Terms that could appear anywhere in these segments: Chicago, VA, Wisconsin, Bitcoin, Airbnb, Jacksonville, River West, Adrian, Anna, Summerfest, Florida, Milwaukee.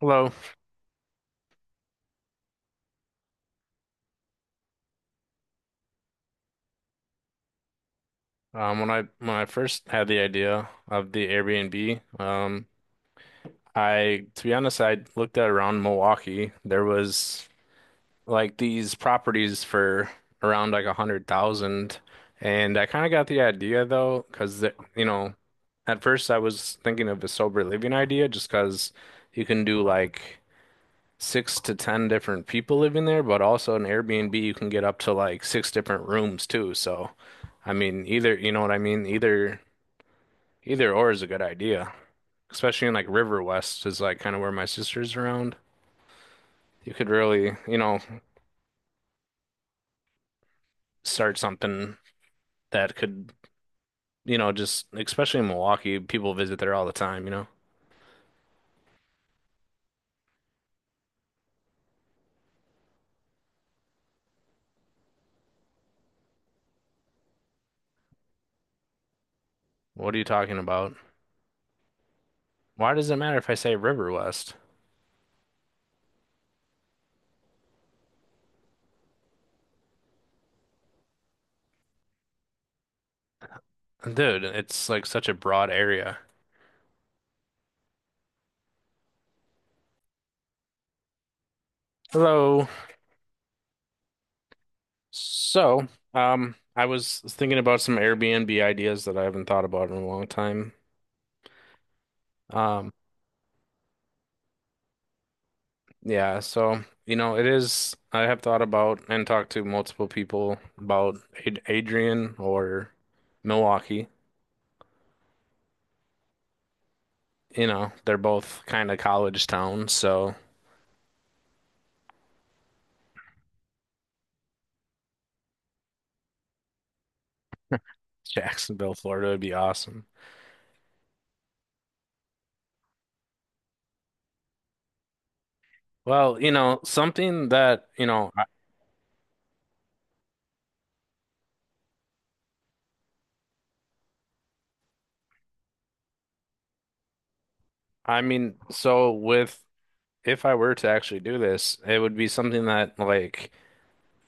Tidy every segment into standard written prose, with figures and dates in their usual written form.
Hello. When I first had the idea of the Airbnb, I to be honest, I looked at around Milwaukee. There was like these properties for around like 100,000, and I kind of got the idea though, because you know, at first I was thinking of a sober living idea, just because you can do like 6 to 10 different people living there, but also an Airbnb you can get up to like 6 different rooms too. So. I mean, either, you know what I mean? Either or is a good idea, especially in like River West is like kind of where my sister's around. You could really, start something that could, just especially in Milwaukee, people visit there all the time. What are you talking about? Why does it matter if I say River West? Dude, it's like such a broad area. Hello. So, I was thinking about some Airbnb ideas that I haven't thought about in a long time. Um, Yeah, so you know, it is. I have thought about and talked to multiple people about Ad Adrian or Milwaukee. You know, they're both kind of college towns, so Jacksonville, Florida would be awesome. Well, you know, something that, you know, I mean, so with if I were to actually do this, it would be something that like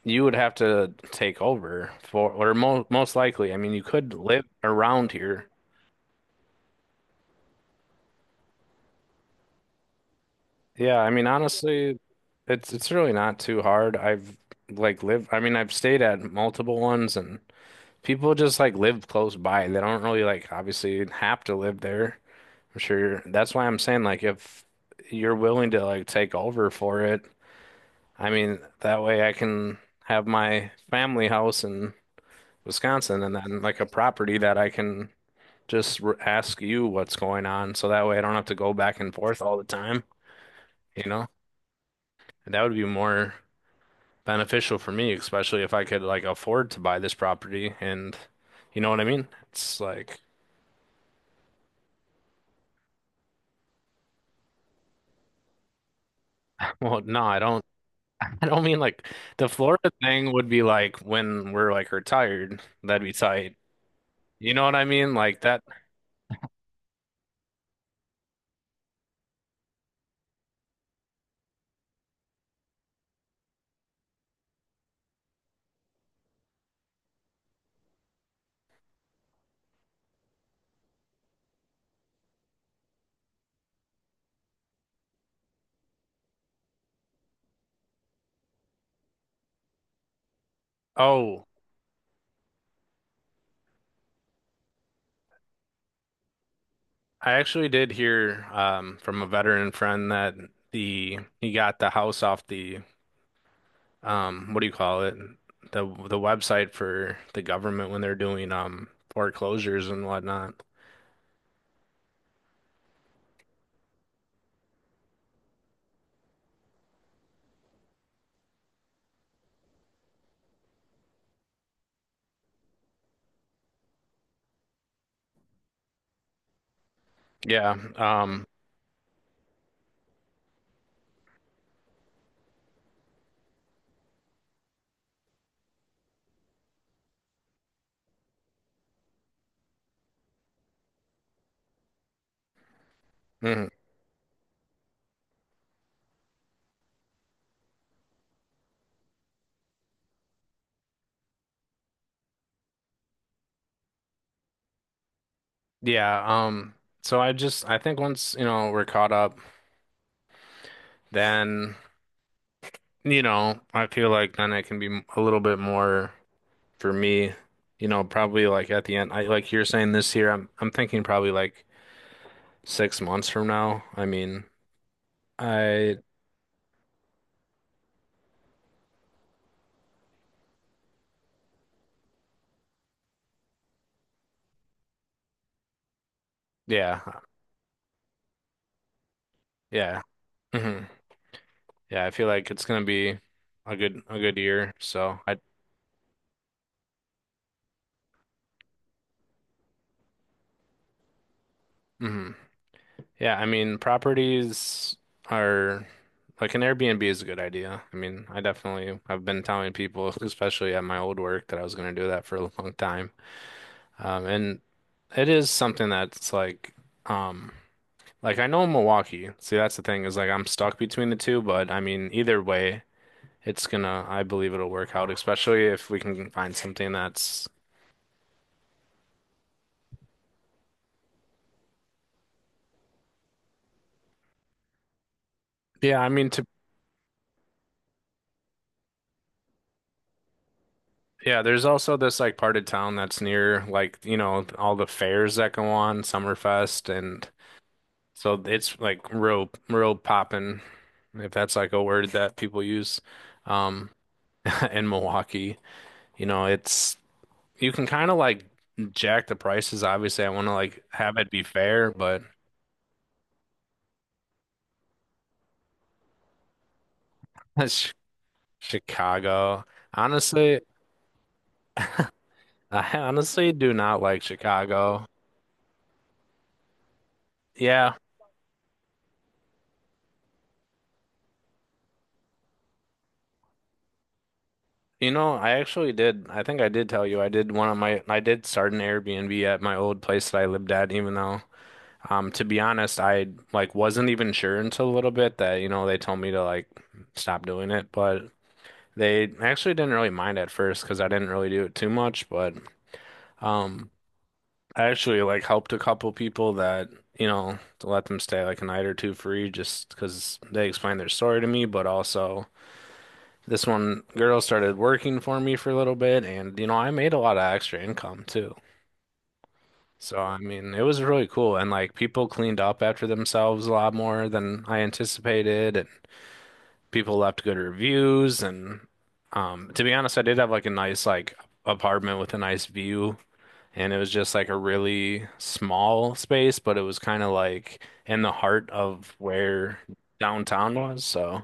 you would have to take over for, or mo most likely. I mean, you could live around here. Yeah, I mean, honestly, it's really not too hard. I mean, I've stayed at multiple ones and people just like live close by. They don't really like obviously have to live there. I'm sure that's why I'm saying like if you're willing to like take over for it, I mean, that way I can have my family house in Wisconsin and then like a property that I can just r ask you what's going on so that way I don't have to go back and forth all the time, you know? And that would be more beneficial for me, especially if I could like afford to buy this property and you know what I mean? It's like, well, I don't mean like the Florida thing would be like when we're like retired, that'd be tight. You know what I mean? Like that. Oh, I actually did hear from a veteran friend that the he got the house off the what do you call it? The website for the government when they're doing foreclosures and whatnot. Yeah. Um mhm. Yeah, so I just I think once, you know, we're caught up, then, you know, I feel like then it can be a little bit more for me, you know, probably like at the end. I like you're saying this year, I'm thinking probably like 6 months from now. I mean, I Yeah, yeah. hmm Yeah, I feel like it's gonna be a good year. So I mhm. Yeah, I mean, properties are like an Airbnb is a good idea. I mean, I definitely have been telling people, especially at my old work, that I was going to do that for a long time. And it is something that's um, like I know Milwaukee. See, that's the thing is like I'm stuck between the two, but I mean, either way, it's gonna, I believe it'll work out, especially if we can find something that's, yeah, I mean, to yeah, there's also this like part of town that's near like, you know, all the fairs that go on, Summerfest, and so it's like real poppin', if that's like a word that people use, um, in Milwaukee. You know, it's you can kind of like jack the prices. Obviously, I want to like have it be fair, but that's Chicago. Honestly, I honestly do not like Chicago. Yeah, you know, I actually did. I think I did tell you I did start an Airbnb at my old place that I lived at, even though to be honest, I like wasn't even sure until a little bit that, you know, they told me to like stop doing it, but they actually didn't really mind at first because I didn't really do it too much, but um I actually like helped a couple people that, you know, to let them stay like a night or two free just because they explained their story to me, but also this one girl started working for me for a little bit, and you know, I made a lot of extra income too. So, I mean, it was really cool. And like people cleaned up after themselves a lot more than I anticipated, and people left good reviews. And to be honest, I did have like a nice like apartment with a nice view, and it was just like a really small space, but it was kind of like in the heart of where downtown was. So,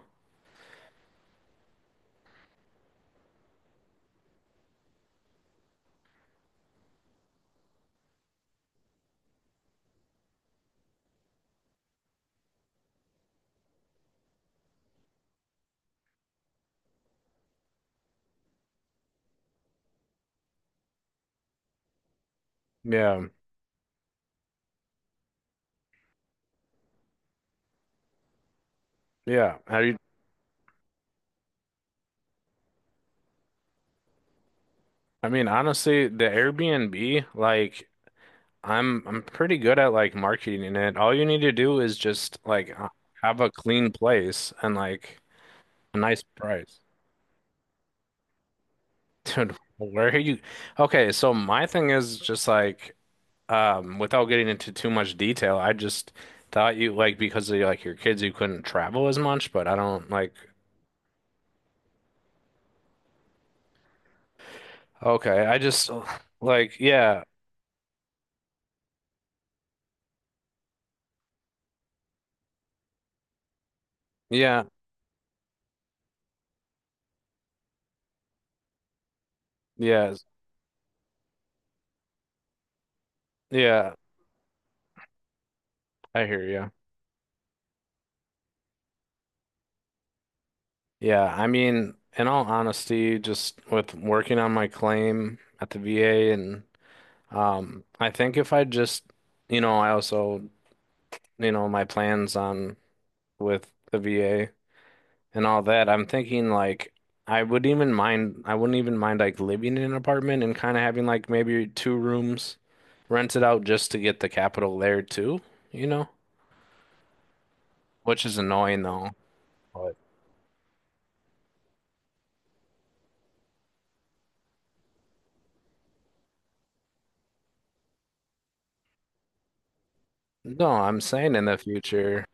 yeah, yeah. Have you I mean, honestly, the Airbnb, like I'm pretty good at like marketing it. All you need to do is just like have a clean place and like a nice price. Dude, where are you? Okay, so my thing is just like without getting into too much detail, I just thought you like because of like your kids you couldn't travel as much, but I don't like okay, I just like yeah, yeah, yeah, yeah, I hear you. Yeah, I mean, in all honesty, just with working on my claim at the VA and I think if I just, you know, I also, you know, my plans on with the VA and all that, I'm thinking like I wouldn't even mind like living in an apartment and kind of having like maybe two rooms rented out just to get the capital there too, you know, which is annoying though. But no, I'm saying in the future.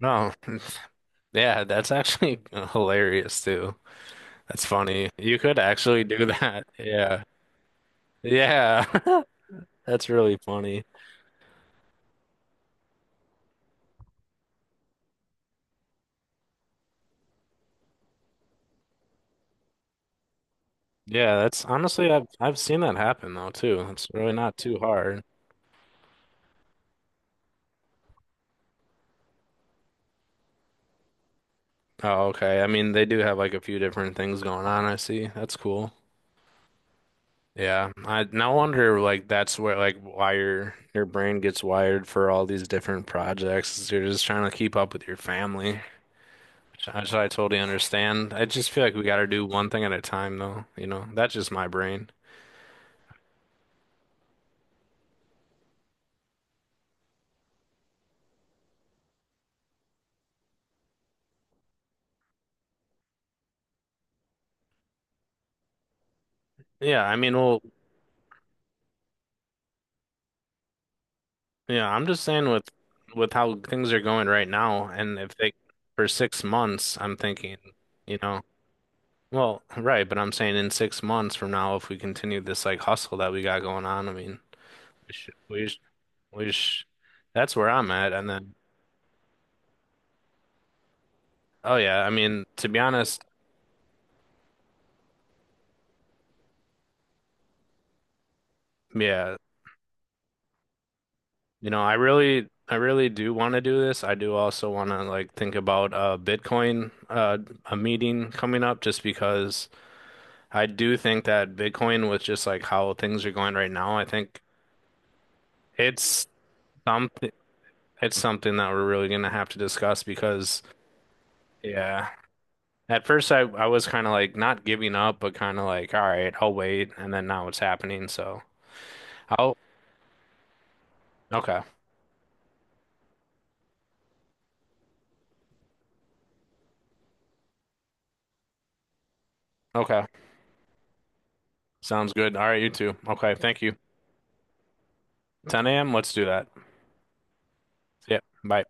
No. Yeah, that's actually hilarious too. That's funny. You could actually do that. Yeah. Yeah. That's really funny. Yeah, that's honestly I've seen that happen though too. It's really not too hard. Oh, okay. I mean, they do have like a few different things going on, I see. That's cool. Yeah. I no wonder like that's where like wire your brain gets wired for all these different projects. Is You're just trying to keep up with your family. Which I totally understand. I just feel like we gotta do one thing at a time, though. You know, that's just my brain. Yeah, I mean, well, yeah, I'm just saying with how things are going right now, and if they for 6 months, I'm thinking, you know, well, right, but I'm saying in 6 months from now, if we continue this like hustle that we got going on, I mean, we should, we should, we should, that's where I'm at. And then, oh yeah, I mean, to be honest, yeah, you know, I really do want to do this. I do also want to like think about Bitcoin a meeting coming up just because I do think that Bitcoin with just like how things are going right now, I think it's something it's something that we're really going to have to discuss because yeah, at first I was kind of like not giving up but kind of like all right, I'll wait and then now it's happening. So, oh, okay. Okay. Sounds good. All right, you too. Okay, thank you. 10 a.m. Let's do that. Yeah. Bye.